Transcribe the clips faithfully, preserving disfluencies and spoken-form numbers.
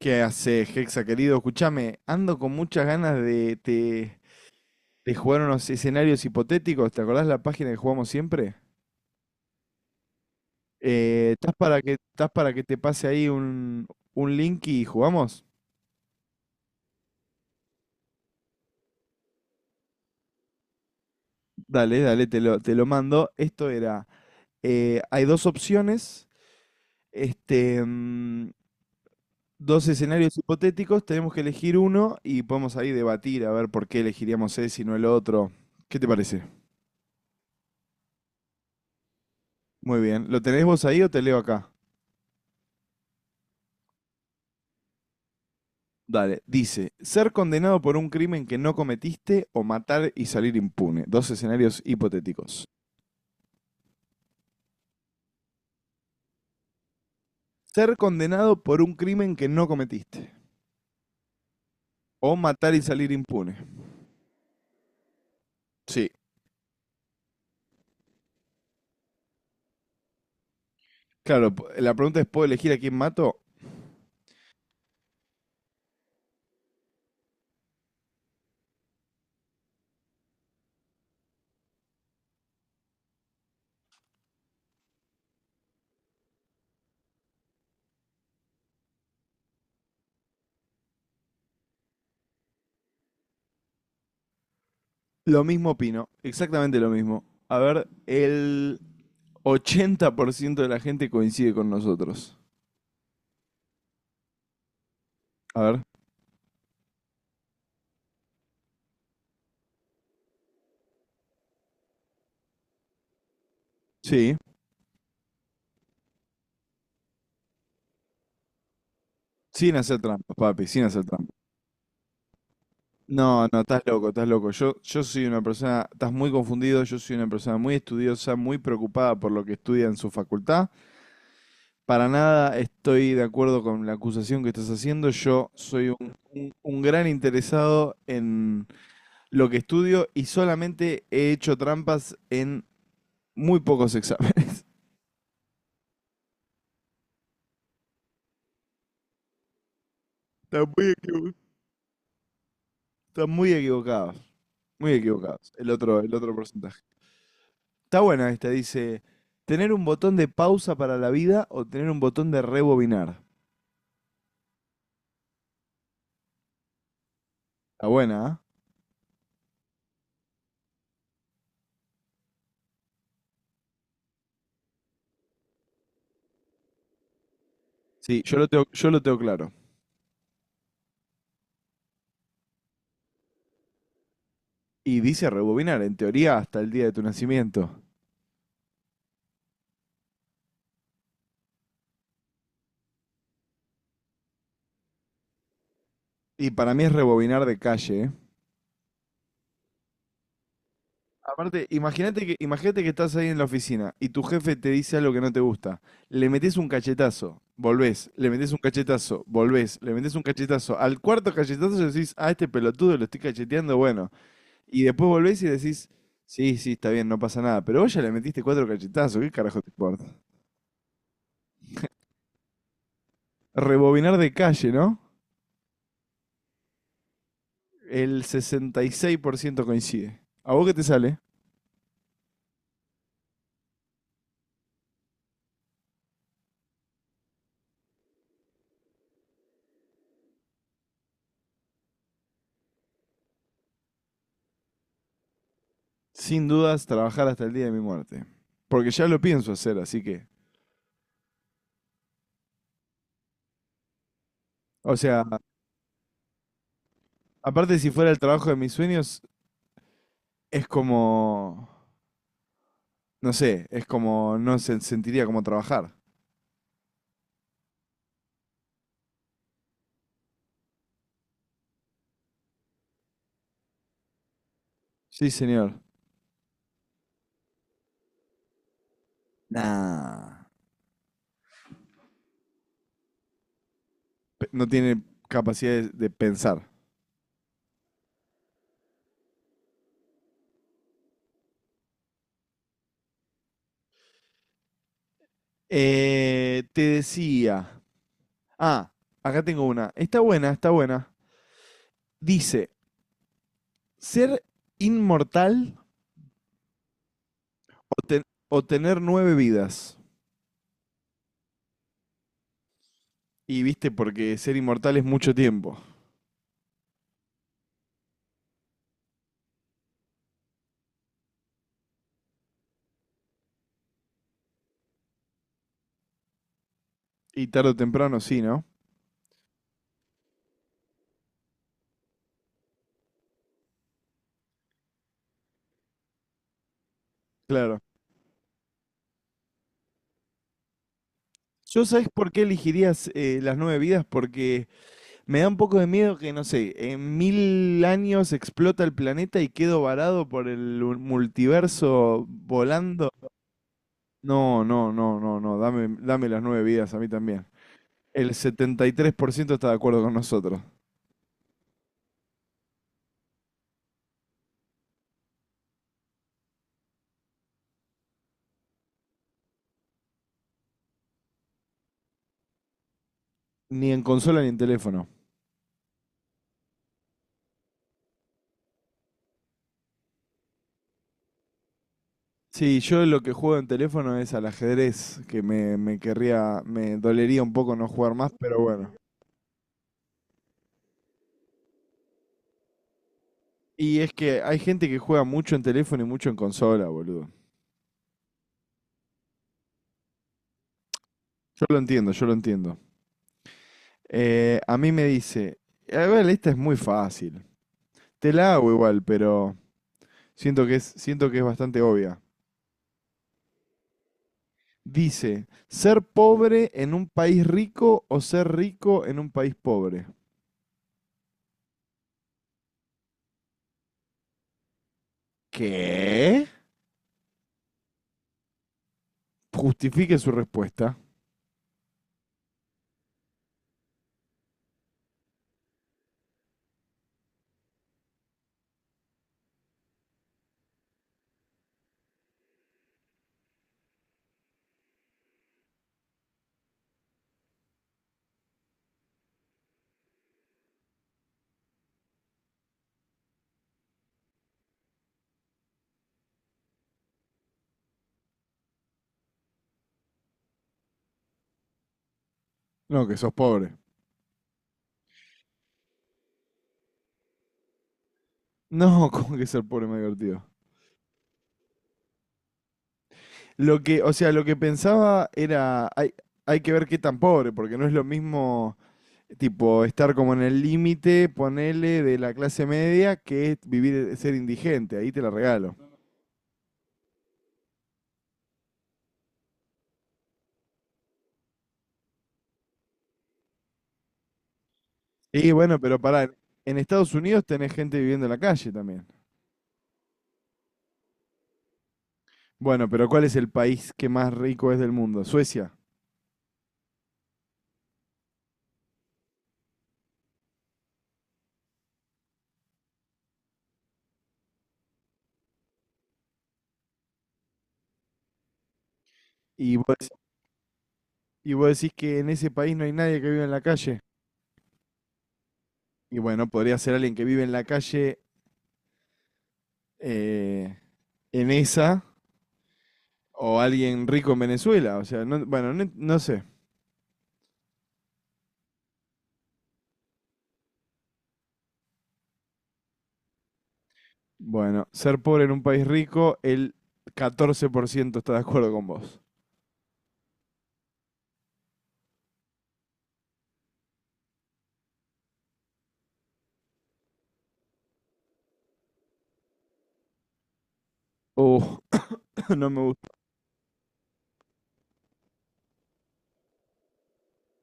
¿Qué haces, Hexa, querido? Escuchame, ando con muchas ganas de, te de jugar unos escenarios hipotéticos. ¿Te acordás la página que jugamos siempre? Eh, ¿estás para que, estás para que te pase ahí un, un link y jugamos? Dale, dale, te lo, te lo mando. Esto era, eh, hay dos opciones, este, mm, dos escenarios hipotéticos, tenemos que elegir uno y podemos ahí debatir a ver por qué elegiríamos ese y no el otro. ¿Qué te parece? Muy bien, ¿lo tenés vos ahí o te leo acá? Dale, dice, ser condenado por un crimen que no cometiste o matar y salir impune. Dos escenarios hipotéticos. Ser condenado por un crimen que no cometiste o matar y salir impune. Sí, claro, p- la pregunta es, ¿puedo elegir a quién mato? Lo mismo opino, exactamente lo mismo. A ver, el ochenta por ciento de la gente coincide con nosotros. A ver, sí, sin hacer trampas, papi, sin hacer trampas. No, no, estás loco, estás loco. Yo, yo soy una persona, estás muy confundido, yo soy una persona muy estudiosa, muy preocupada por lo que estudia en su facultad. Para nada estoy de acuerdo con la acusación que estás haciendo. Yo soy un, un- un gran interesado en lo que estudio y solamente he hecho trampas en muy pocos exámenes. Estás muy equivo- estás muy equivocados, muy equivocados. El otro, el otro porcentaje. Está buena esta, dice, ¿tener un botón de pausa para la vida o tener un botón de rebobinar? Está buena, ¿ah? Sí. Yo lo tengo, yo lo tengo claro. Y dice rebobinar, en teoría, hasta el día de tu nacimiento. Y para mí es rebobinar de calle, ¿eh? Aparte, imagínate que, imagínate que estás ahí en la oficina y tu jefe te dice algo que no te gusta. Le metes un cachetazo, volvés, le metes un cachetazo, volvés, le metes un cachetazo. Al cuarto cachetazo decís, ah, este pelotudo lo estoy cacheteando, bueno. Y después volvés y decís, sí, sí, está bien, no pasa nada. Pero vos ya le metiste cuatro cachetazos, ¿qué carajo te importa? Rebobinar de calle, ¿no? El sesenta y seis por ciento coincide. ¿A vos qué te sale? Sin dudas, trabajar hasta el día de mi muerte. Porque ya lo pienso hacer, así que. O sea, aparte, si fuera el trabajo de mis sueños, es como. No sé, es como. No se sentiría como trabajar. Sí, señor. Nah. Pe- No tiene capacidad de, de pensar. Eh, te decía. Ah, acá tengo una. Está buena, está buena. Dice, ¿ser inmortal o, ten- o tener nueve vidas? Y viste, porque ser inmortal es mucho tiempo. Y tarde o temprano sí, ¿no? Claro. Yo sabes por qué elegirías eh, las nueve vidas, porque me da un poco de miedo que, no sé, en mil años explota el planeta y quedo varado por el u- multiverso volando. No, no, no, no, no, dame, dame las nueve vidas a mí también. El setenta y tres por ciento está de acuerdo con nosotros. Ni en consola ni en teléfono. Sí, yo lo que juego en teléfono es al ajedrez, que me, me querría, me dolería un poco no jugar más, pero bueno. Y es que hay gente que juega mucho en teléfono y mucho en consola, boludo. Yo lo entiendo, yo lo entiendo. Eh, a mí me dice, a ver, esta es muy fácil. Te la hago igual, pero siento que es, siento que es bastante obvia. Dice, ¿ser pobre en un país rico o ser rico en un país pobre? ¿Qué? Justifique su respuesta. No, que sos pobre. No, ¿cómo que ser pobre me divertido? Lo que, o sea, lo que pensaba era, hay, hay que ver qué tan pobre, porque no es lo mismo, tipo, estar como en el límite, ponele, de la clase media, que es vivir, ser indigente, ahí te la regalo. Y bueno, pero pará, en Estados Unidos tenés gente viviendo en la calle también. Bueno, pero ¿cuál es el país que más rico es del mundo? Suecia. Y vos, y vos decís que en ese país no hay nadie que vive en la calle. Y bueno, podría ser alguien que vive en la calle eh, en esa o alguien rico en Venezuela. O sea, no, bueno, no, no sé. Bueno, ser pobre en un país rico, el catorce por ciento está de acuerdo con vos. Uh, no me gusta.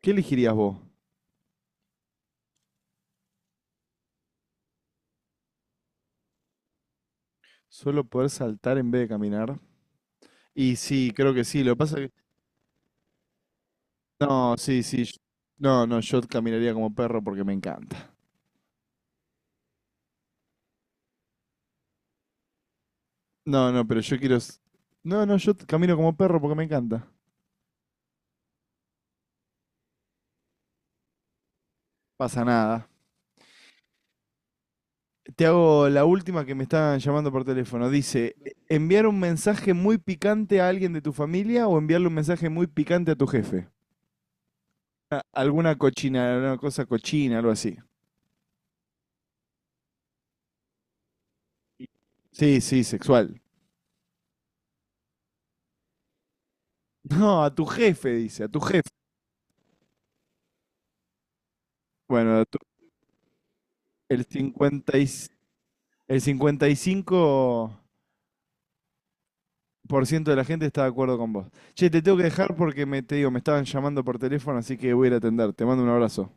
¿Qué elegirías vos? ¿Solo poder saltar en vez de caminar? Y sí, creo que sí. Lo que pasa que... No, sí, sí. Yo- no, no, yo caminaría como perro porque me encanta. No, no, pero yo quiero... s- no, no, yo t- camino como perro porque me encanta. Pasa nada. Te hago la última que me están llamando por teléfono. Dice, "E- ¿enviar un mensaje muy picante a alguien de tu familia o enviarle un mensaje muy picante a tu jefe? A- Alguna cochina, una cosa cochina, algo así. Sí, sí, sexual. No, a tu jefe, dice, a tu jefe. Bueno, a tu- el cincuenta y el cincuenta y cinco por ciento de la gente está de acuerdo con vos. Che, te tengo que dejar porque me, te digo, me estaban llamando por teléfono, así que voy a ir a atender. Te mando un abrazo.